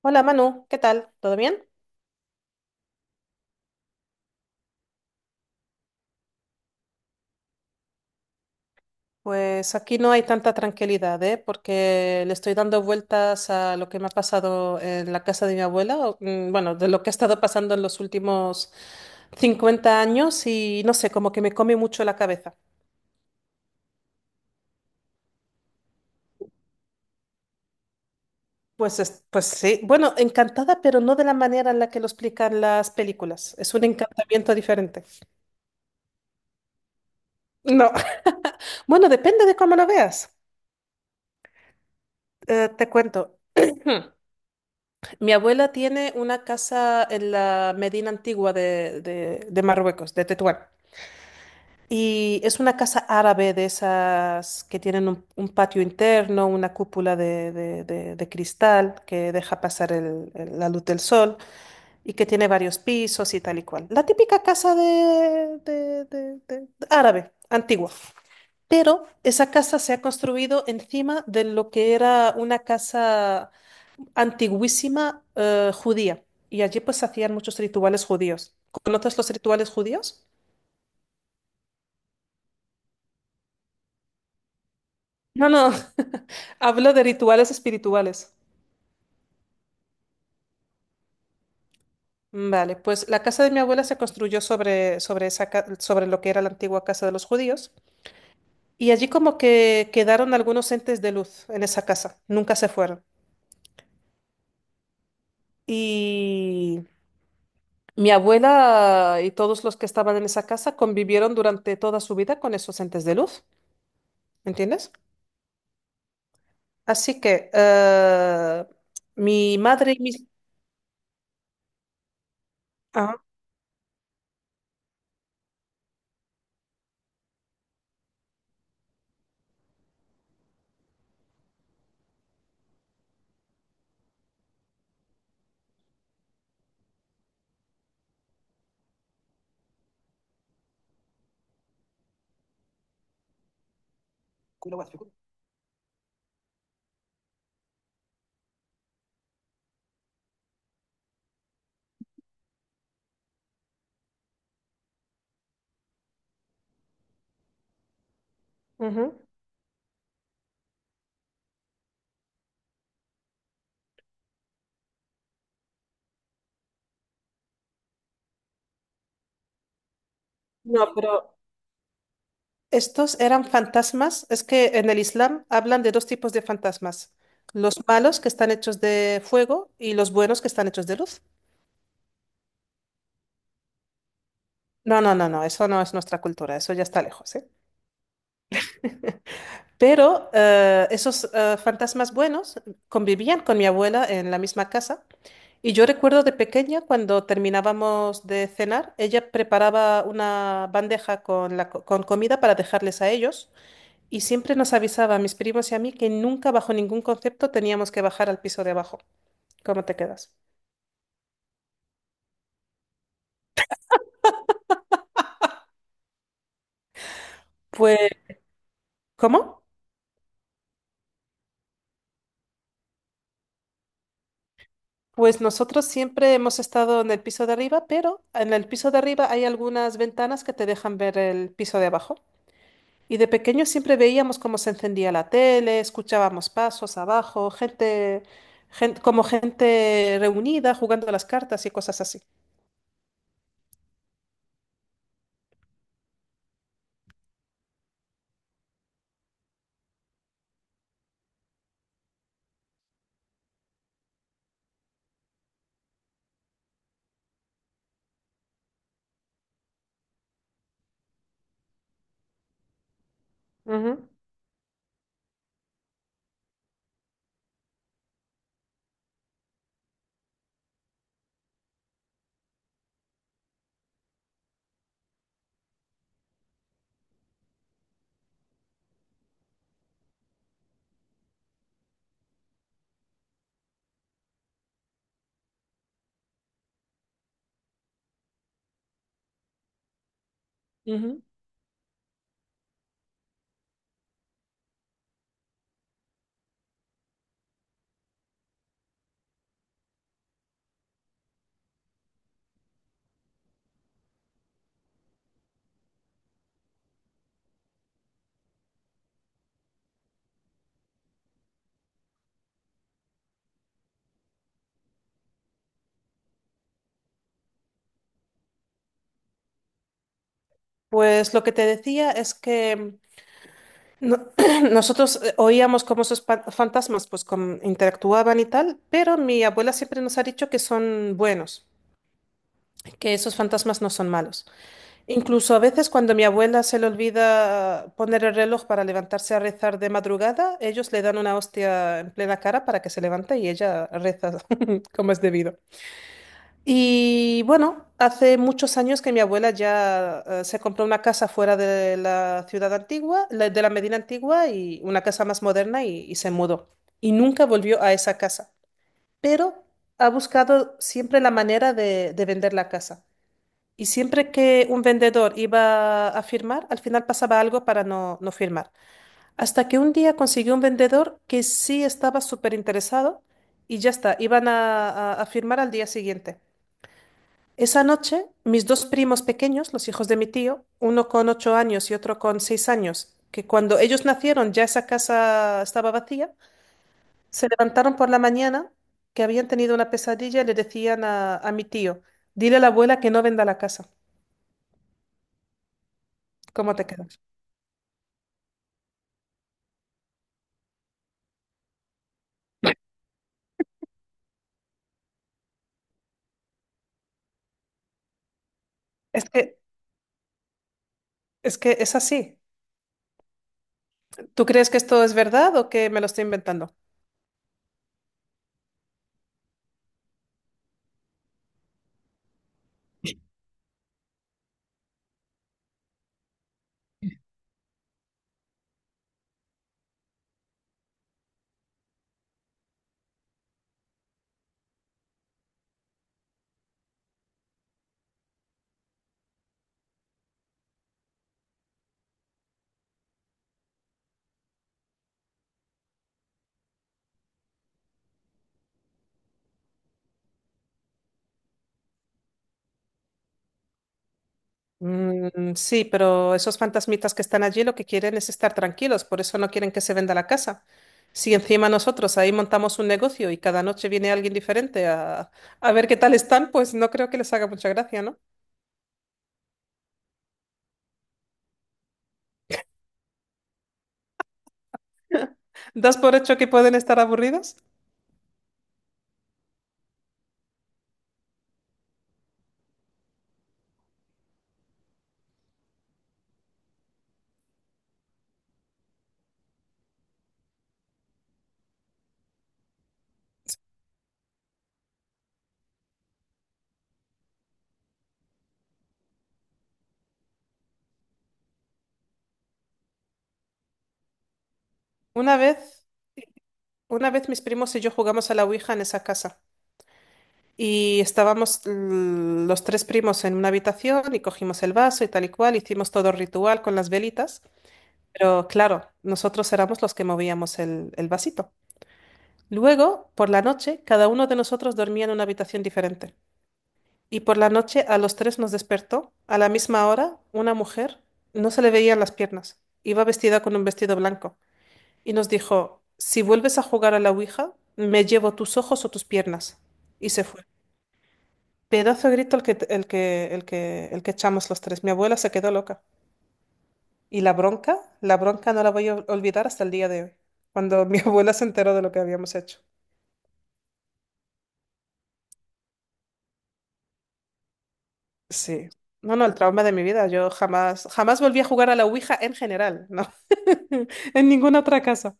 Hola Manu, ¿qué tal? ¿Todo bien? Pues aquí no hay tanta tranquilidad, ¿eh? Porque le estoy dando vueltas a lo que me ha pasado en la casa de mi abuela, o, bueno, de lo que ha estado pasando en los últimos 50 años y no sé, como que me come mucho la cabeza. Pues, pues sí, bueno, encantada, pero no de la manera en la que lo explican las películas. Es un encantamiento diferente. No, bueno, depende de cómo lo veas. Te cuento. Mi abuela tiene una casa en la Medina Antigua de, de Marruecos, de Tetuán. Y es una casa árabe de esas que tienen un patio interno, una cúpula de, de cristal que deja pasar la luz del sol y que tiene varios pisos y tal y cual. La típica casa de, de árabe, antigua. Pero esa casa se ha construido encima de lo que era una casa antiguísima judía y allí pues se hacían muchos rituales judíos. ¿Conoces los rituales judíos? No, no, hablo de rituales espirituales. Vale, pues la casa de mi abuela se construyó sobre, sobre, sobre lo que era la antigua casa de los judíos y allí como que quedaron algunos entes de luz en esa casa, nunca se fueron. Y mi abuela y todos los que estaban en esa casa convivieron durante toda su vida con esos entes de luz, ¿entiendes? Así que mi madre y mis... Ah, ujú. No, pero estos eran fantasmas. Es que en el Islam hablan de dos tipos de fantasmas. Los malos que están hechos de fuego y los buenos que están hechos de luz. No, no, no, no, eso no es nuestra cultura, eso ya está lejos, ¿eh? Pero esos fantasmas buenos convivían con mi abuela en la misma casa. Y yo recuerdo de pequeña, cuando terminábamos de cenar, ella preparaba una bandeja con comida para dejarles a ellos y siempre nos avisaba a mis primos y a mí que nunca bajo ningún concepto teníamos que bajar al piso de abajo. ¿Cómo te quedas? Pues, ¿cómo? Pues nosotros siempre hemos estado en el piso de arriba, pero en el piso de arriba hay algunas ventanas que te dejan ver el piso de abajo. Y de pequeños siempre veíamos cómo se encendía la tele, escuchábamos pasos abajo, como gente reunida jugando a las cartas y cosas así. Ujú. Ujú. Pues lo que te decía es que no- nosotros oíamos cómo esos fantasmas pues interactuaban y tal, pero mi abuela siempre nos ha dicho que son buenos, que esos fantasmas no son malos. Incluso a veces cuando a mi abuela se le olvida poner el reloj para levantarse a rezar de madrugada, ellos le dan una hostia en plena cara para que se levante y ella reza como es debido. Y bueno, hace muchos años que mi abuela ya se compró una casa fuera de la ciudad antigua, de la Medina antigua y una casa más moderna y se mudó. Y nunca volvió a esa casa, pero ha buscado siempre la manera de vender la casa. Y siempre que un vendedor iba a firmar, al final pasaba algo para no firmar. Hasta que un día consiguió un vendedor que sí estaba súper interesado y ya está, iban a firmar al día siguiente. Esa noche, mis dos primos pequeños, los hijos de mi tío, uno con 8 años y otro con 6 años, que cuando ellos nacieron ya esa casa estaba vacía, se levantaron por la mañana que habían tenido una pesadilla y le decían a mi tío, dile a la abuela que no venda la casa. ¿Cómo te quedas? Es que es que es así. ¿Tú crees que esto es verdad o que me lo estoy inventando? Mm, sí, pero esos fantasmitas que están allí lo que quieren es estar tranquilos, por eso no quieren que se venda la casa. Si encima nosotros ahí montamos un negocio y cada noche viene alguien diferente a ver qué tal están, pues no creo que les haga mucha gracia, ¿no? ¿Das por hecho que pueden estar aburridos? Una vez, una vez mis primos y yo jugamos a la Ouija en esa casa. Y estábamos los tres primos en una habitación y cogimos el vaso y tal y cual, hicimos todo el ritual con las velitas, pero claro, nosotros éramos los que movíamos el vasito. Luego, por la noche, cada uno de nosotros dormía en una habitación diferente. Y por la noche a los tres nos despertó, a la misma hora, una mujer, no se le veían las piernas, iba vestida con un vestido blanco, y nos dijo, si vuelves a jugar a la Ouija, me llevo tus ojos o tus piernas. Y se fue. Pedazo de grito el que echamos los tres. Mi abuela se quedó loca. Y la bronca no la voy a olvidar hasta el día de hoy, cuando mi abuela se enteró de lo que habíamos hecho. Sí. No, no, el trauma de mi vida. Yo jamás, jamás volví a jugar a la Ouija en general, ¿no? En ninguna otra casa.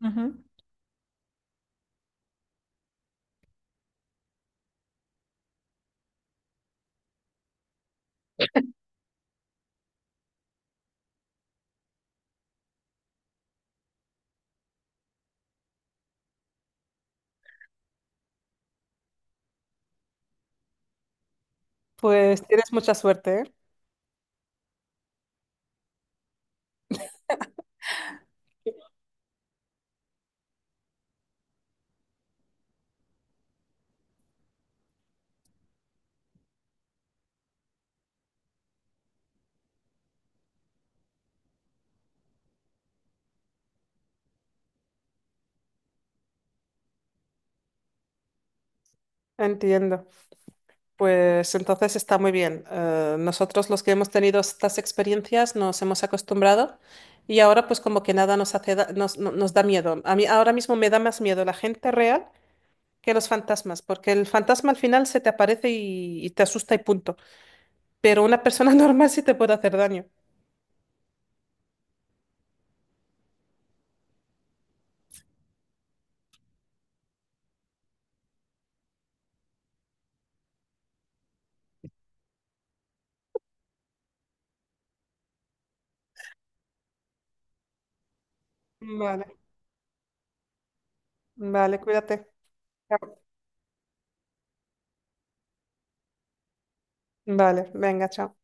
Ujú. Pues tienes mucha suerte, ¿eh? Entiendo. Pues entonces está muy bien. Nosotros los que hemos tenido estas experiencias nos hemos acostumbrado y ahora pues como que nada nos hace da- nos, no- nos da miedo. A mí ahora mismo me da más miedo la gente real que los fantasmas, porque el fantasma al final se te aparece y te asusta y punto. Pero una persona normal sí te puede hacer daño. Vale, vale, cuídate. Chao. Vale, venga, chao.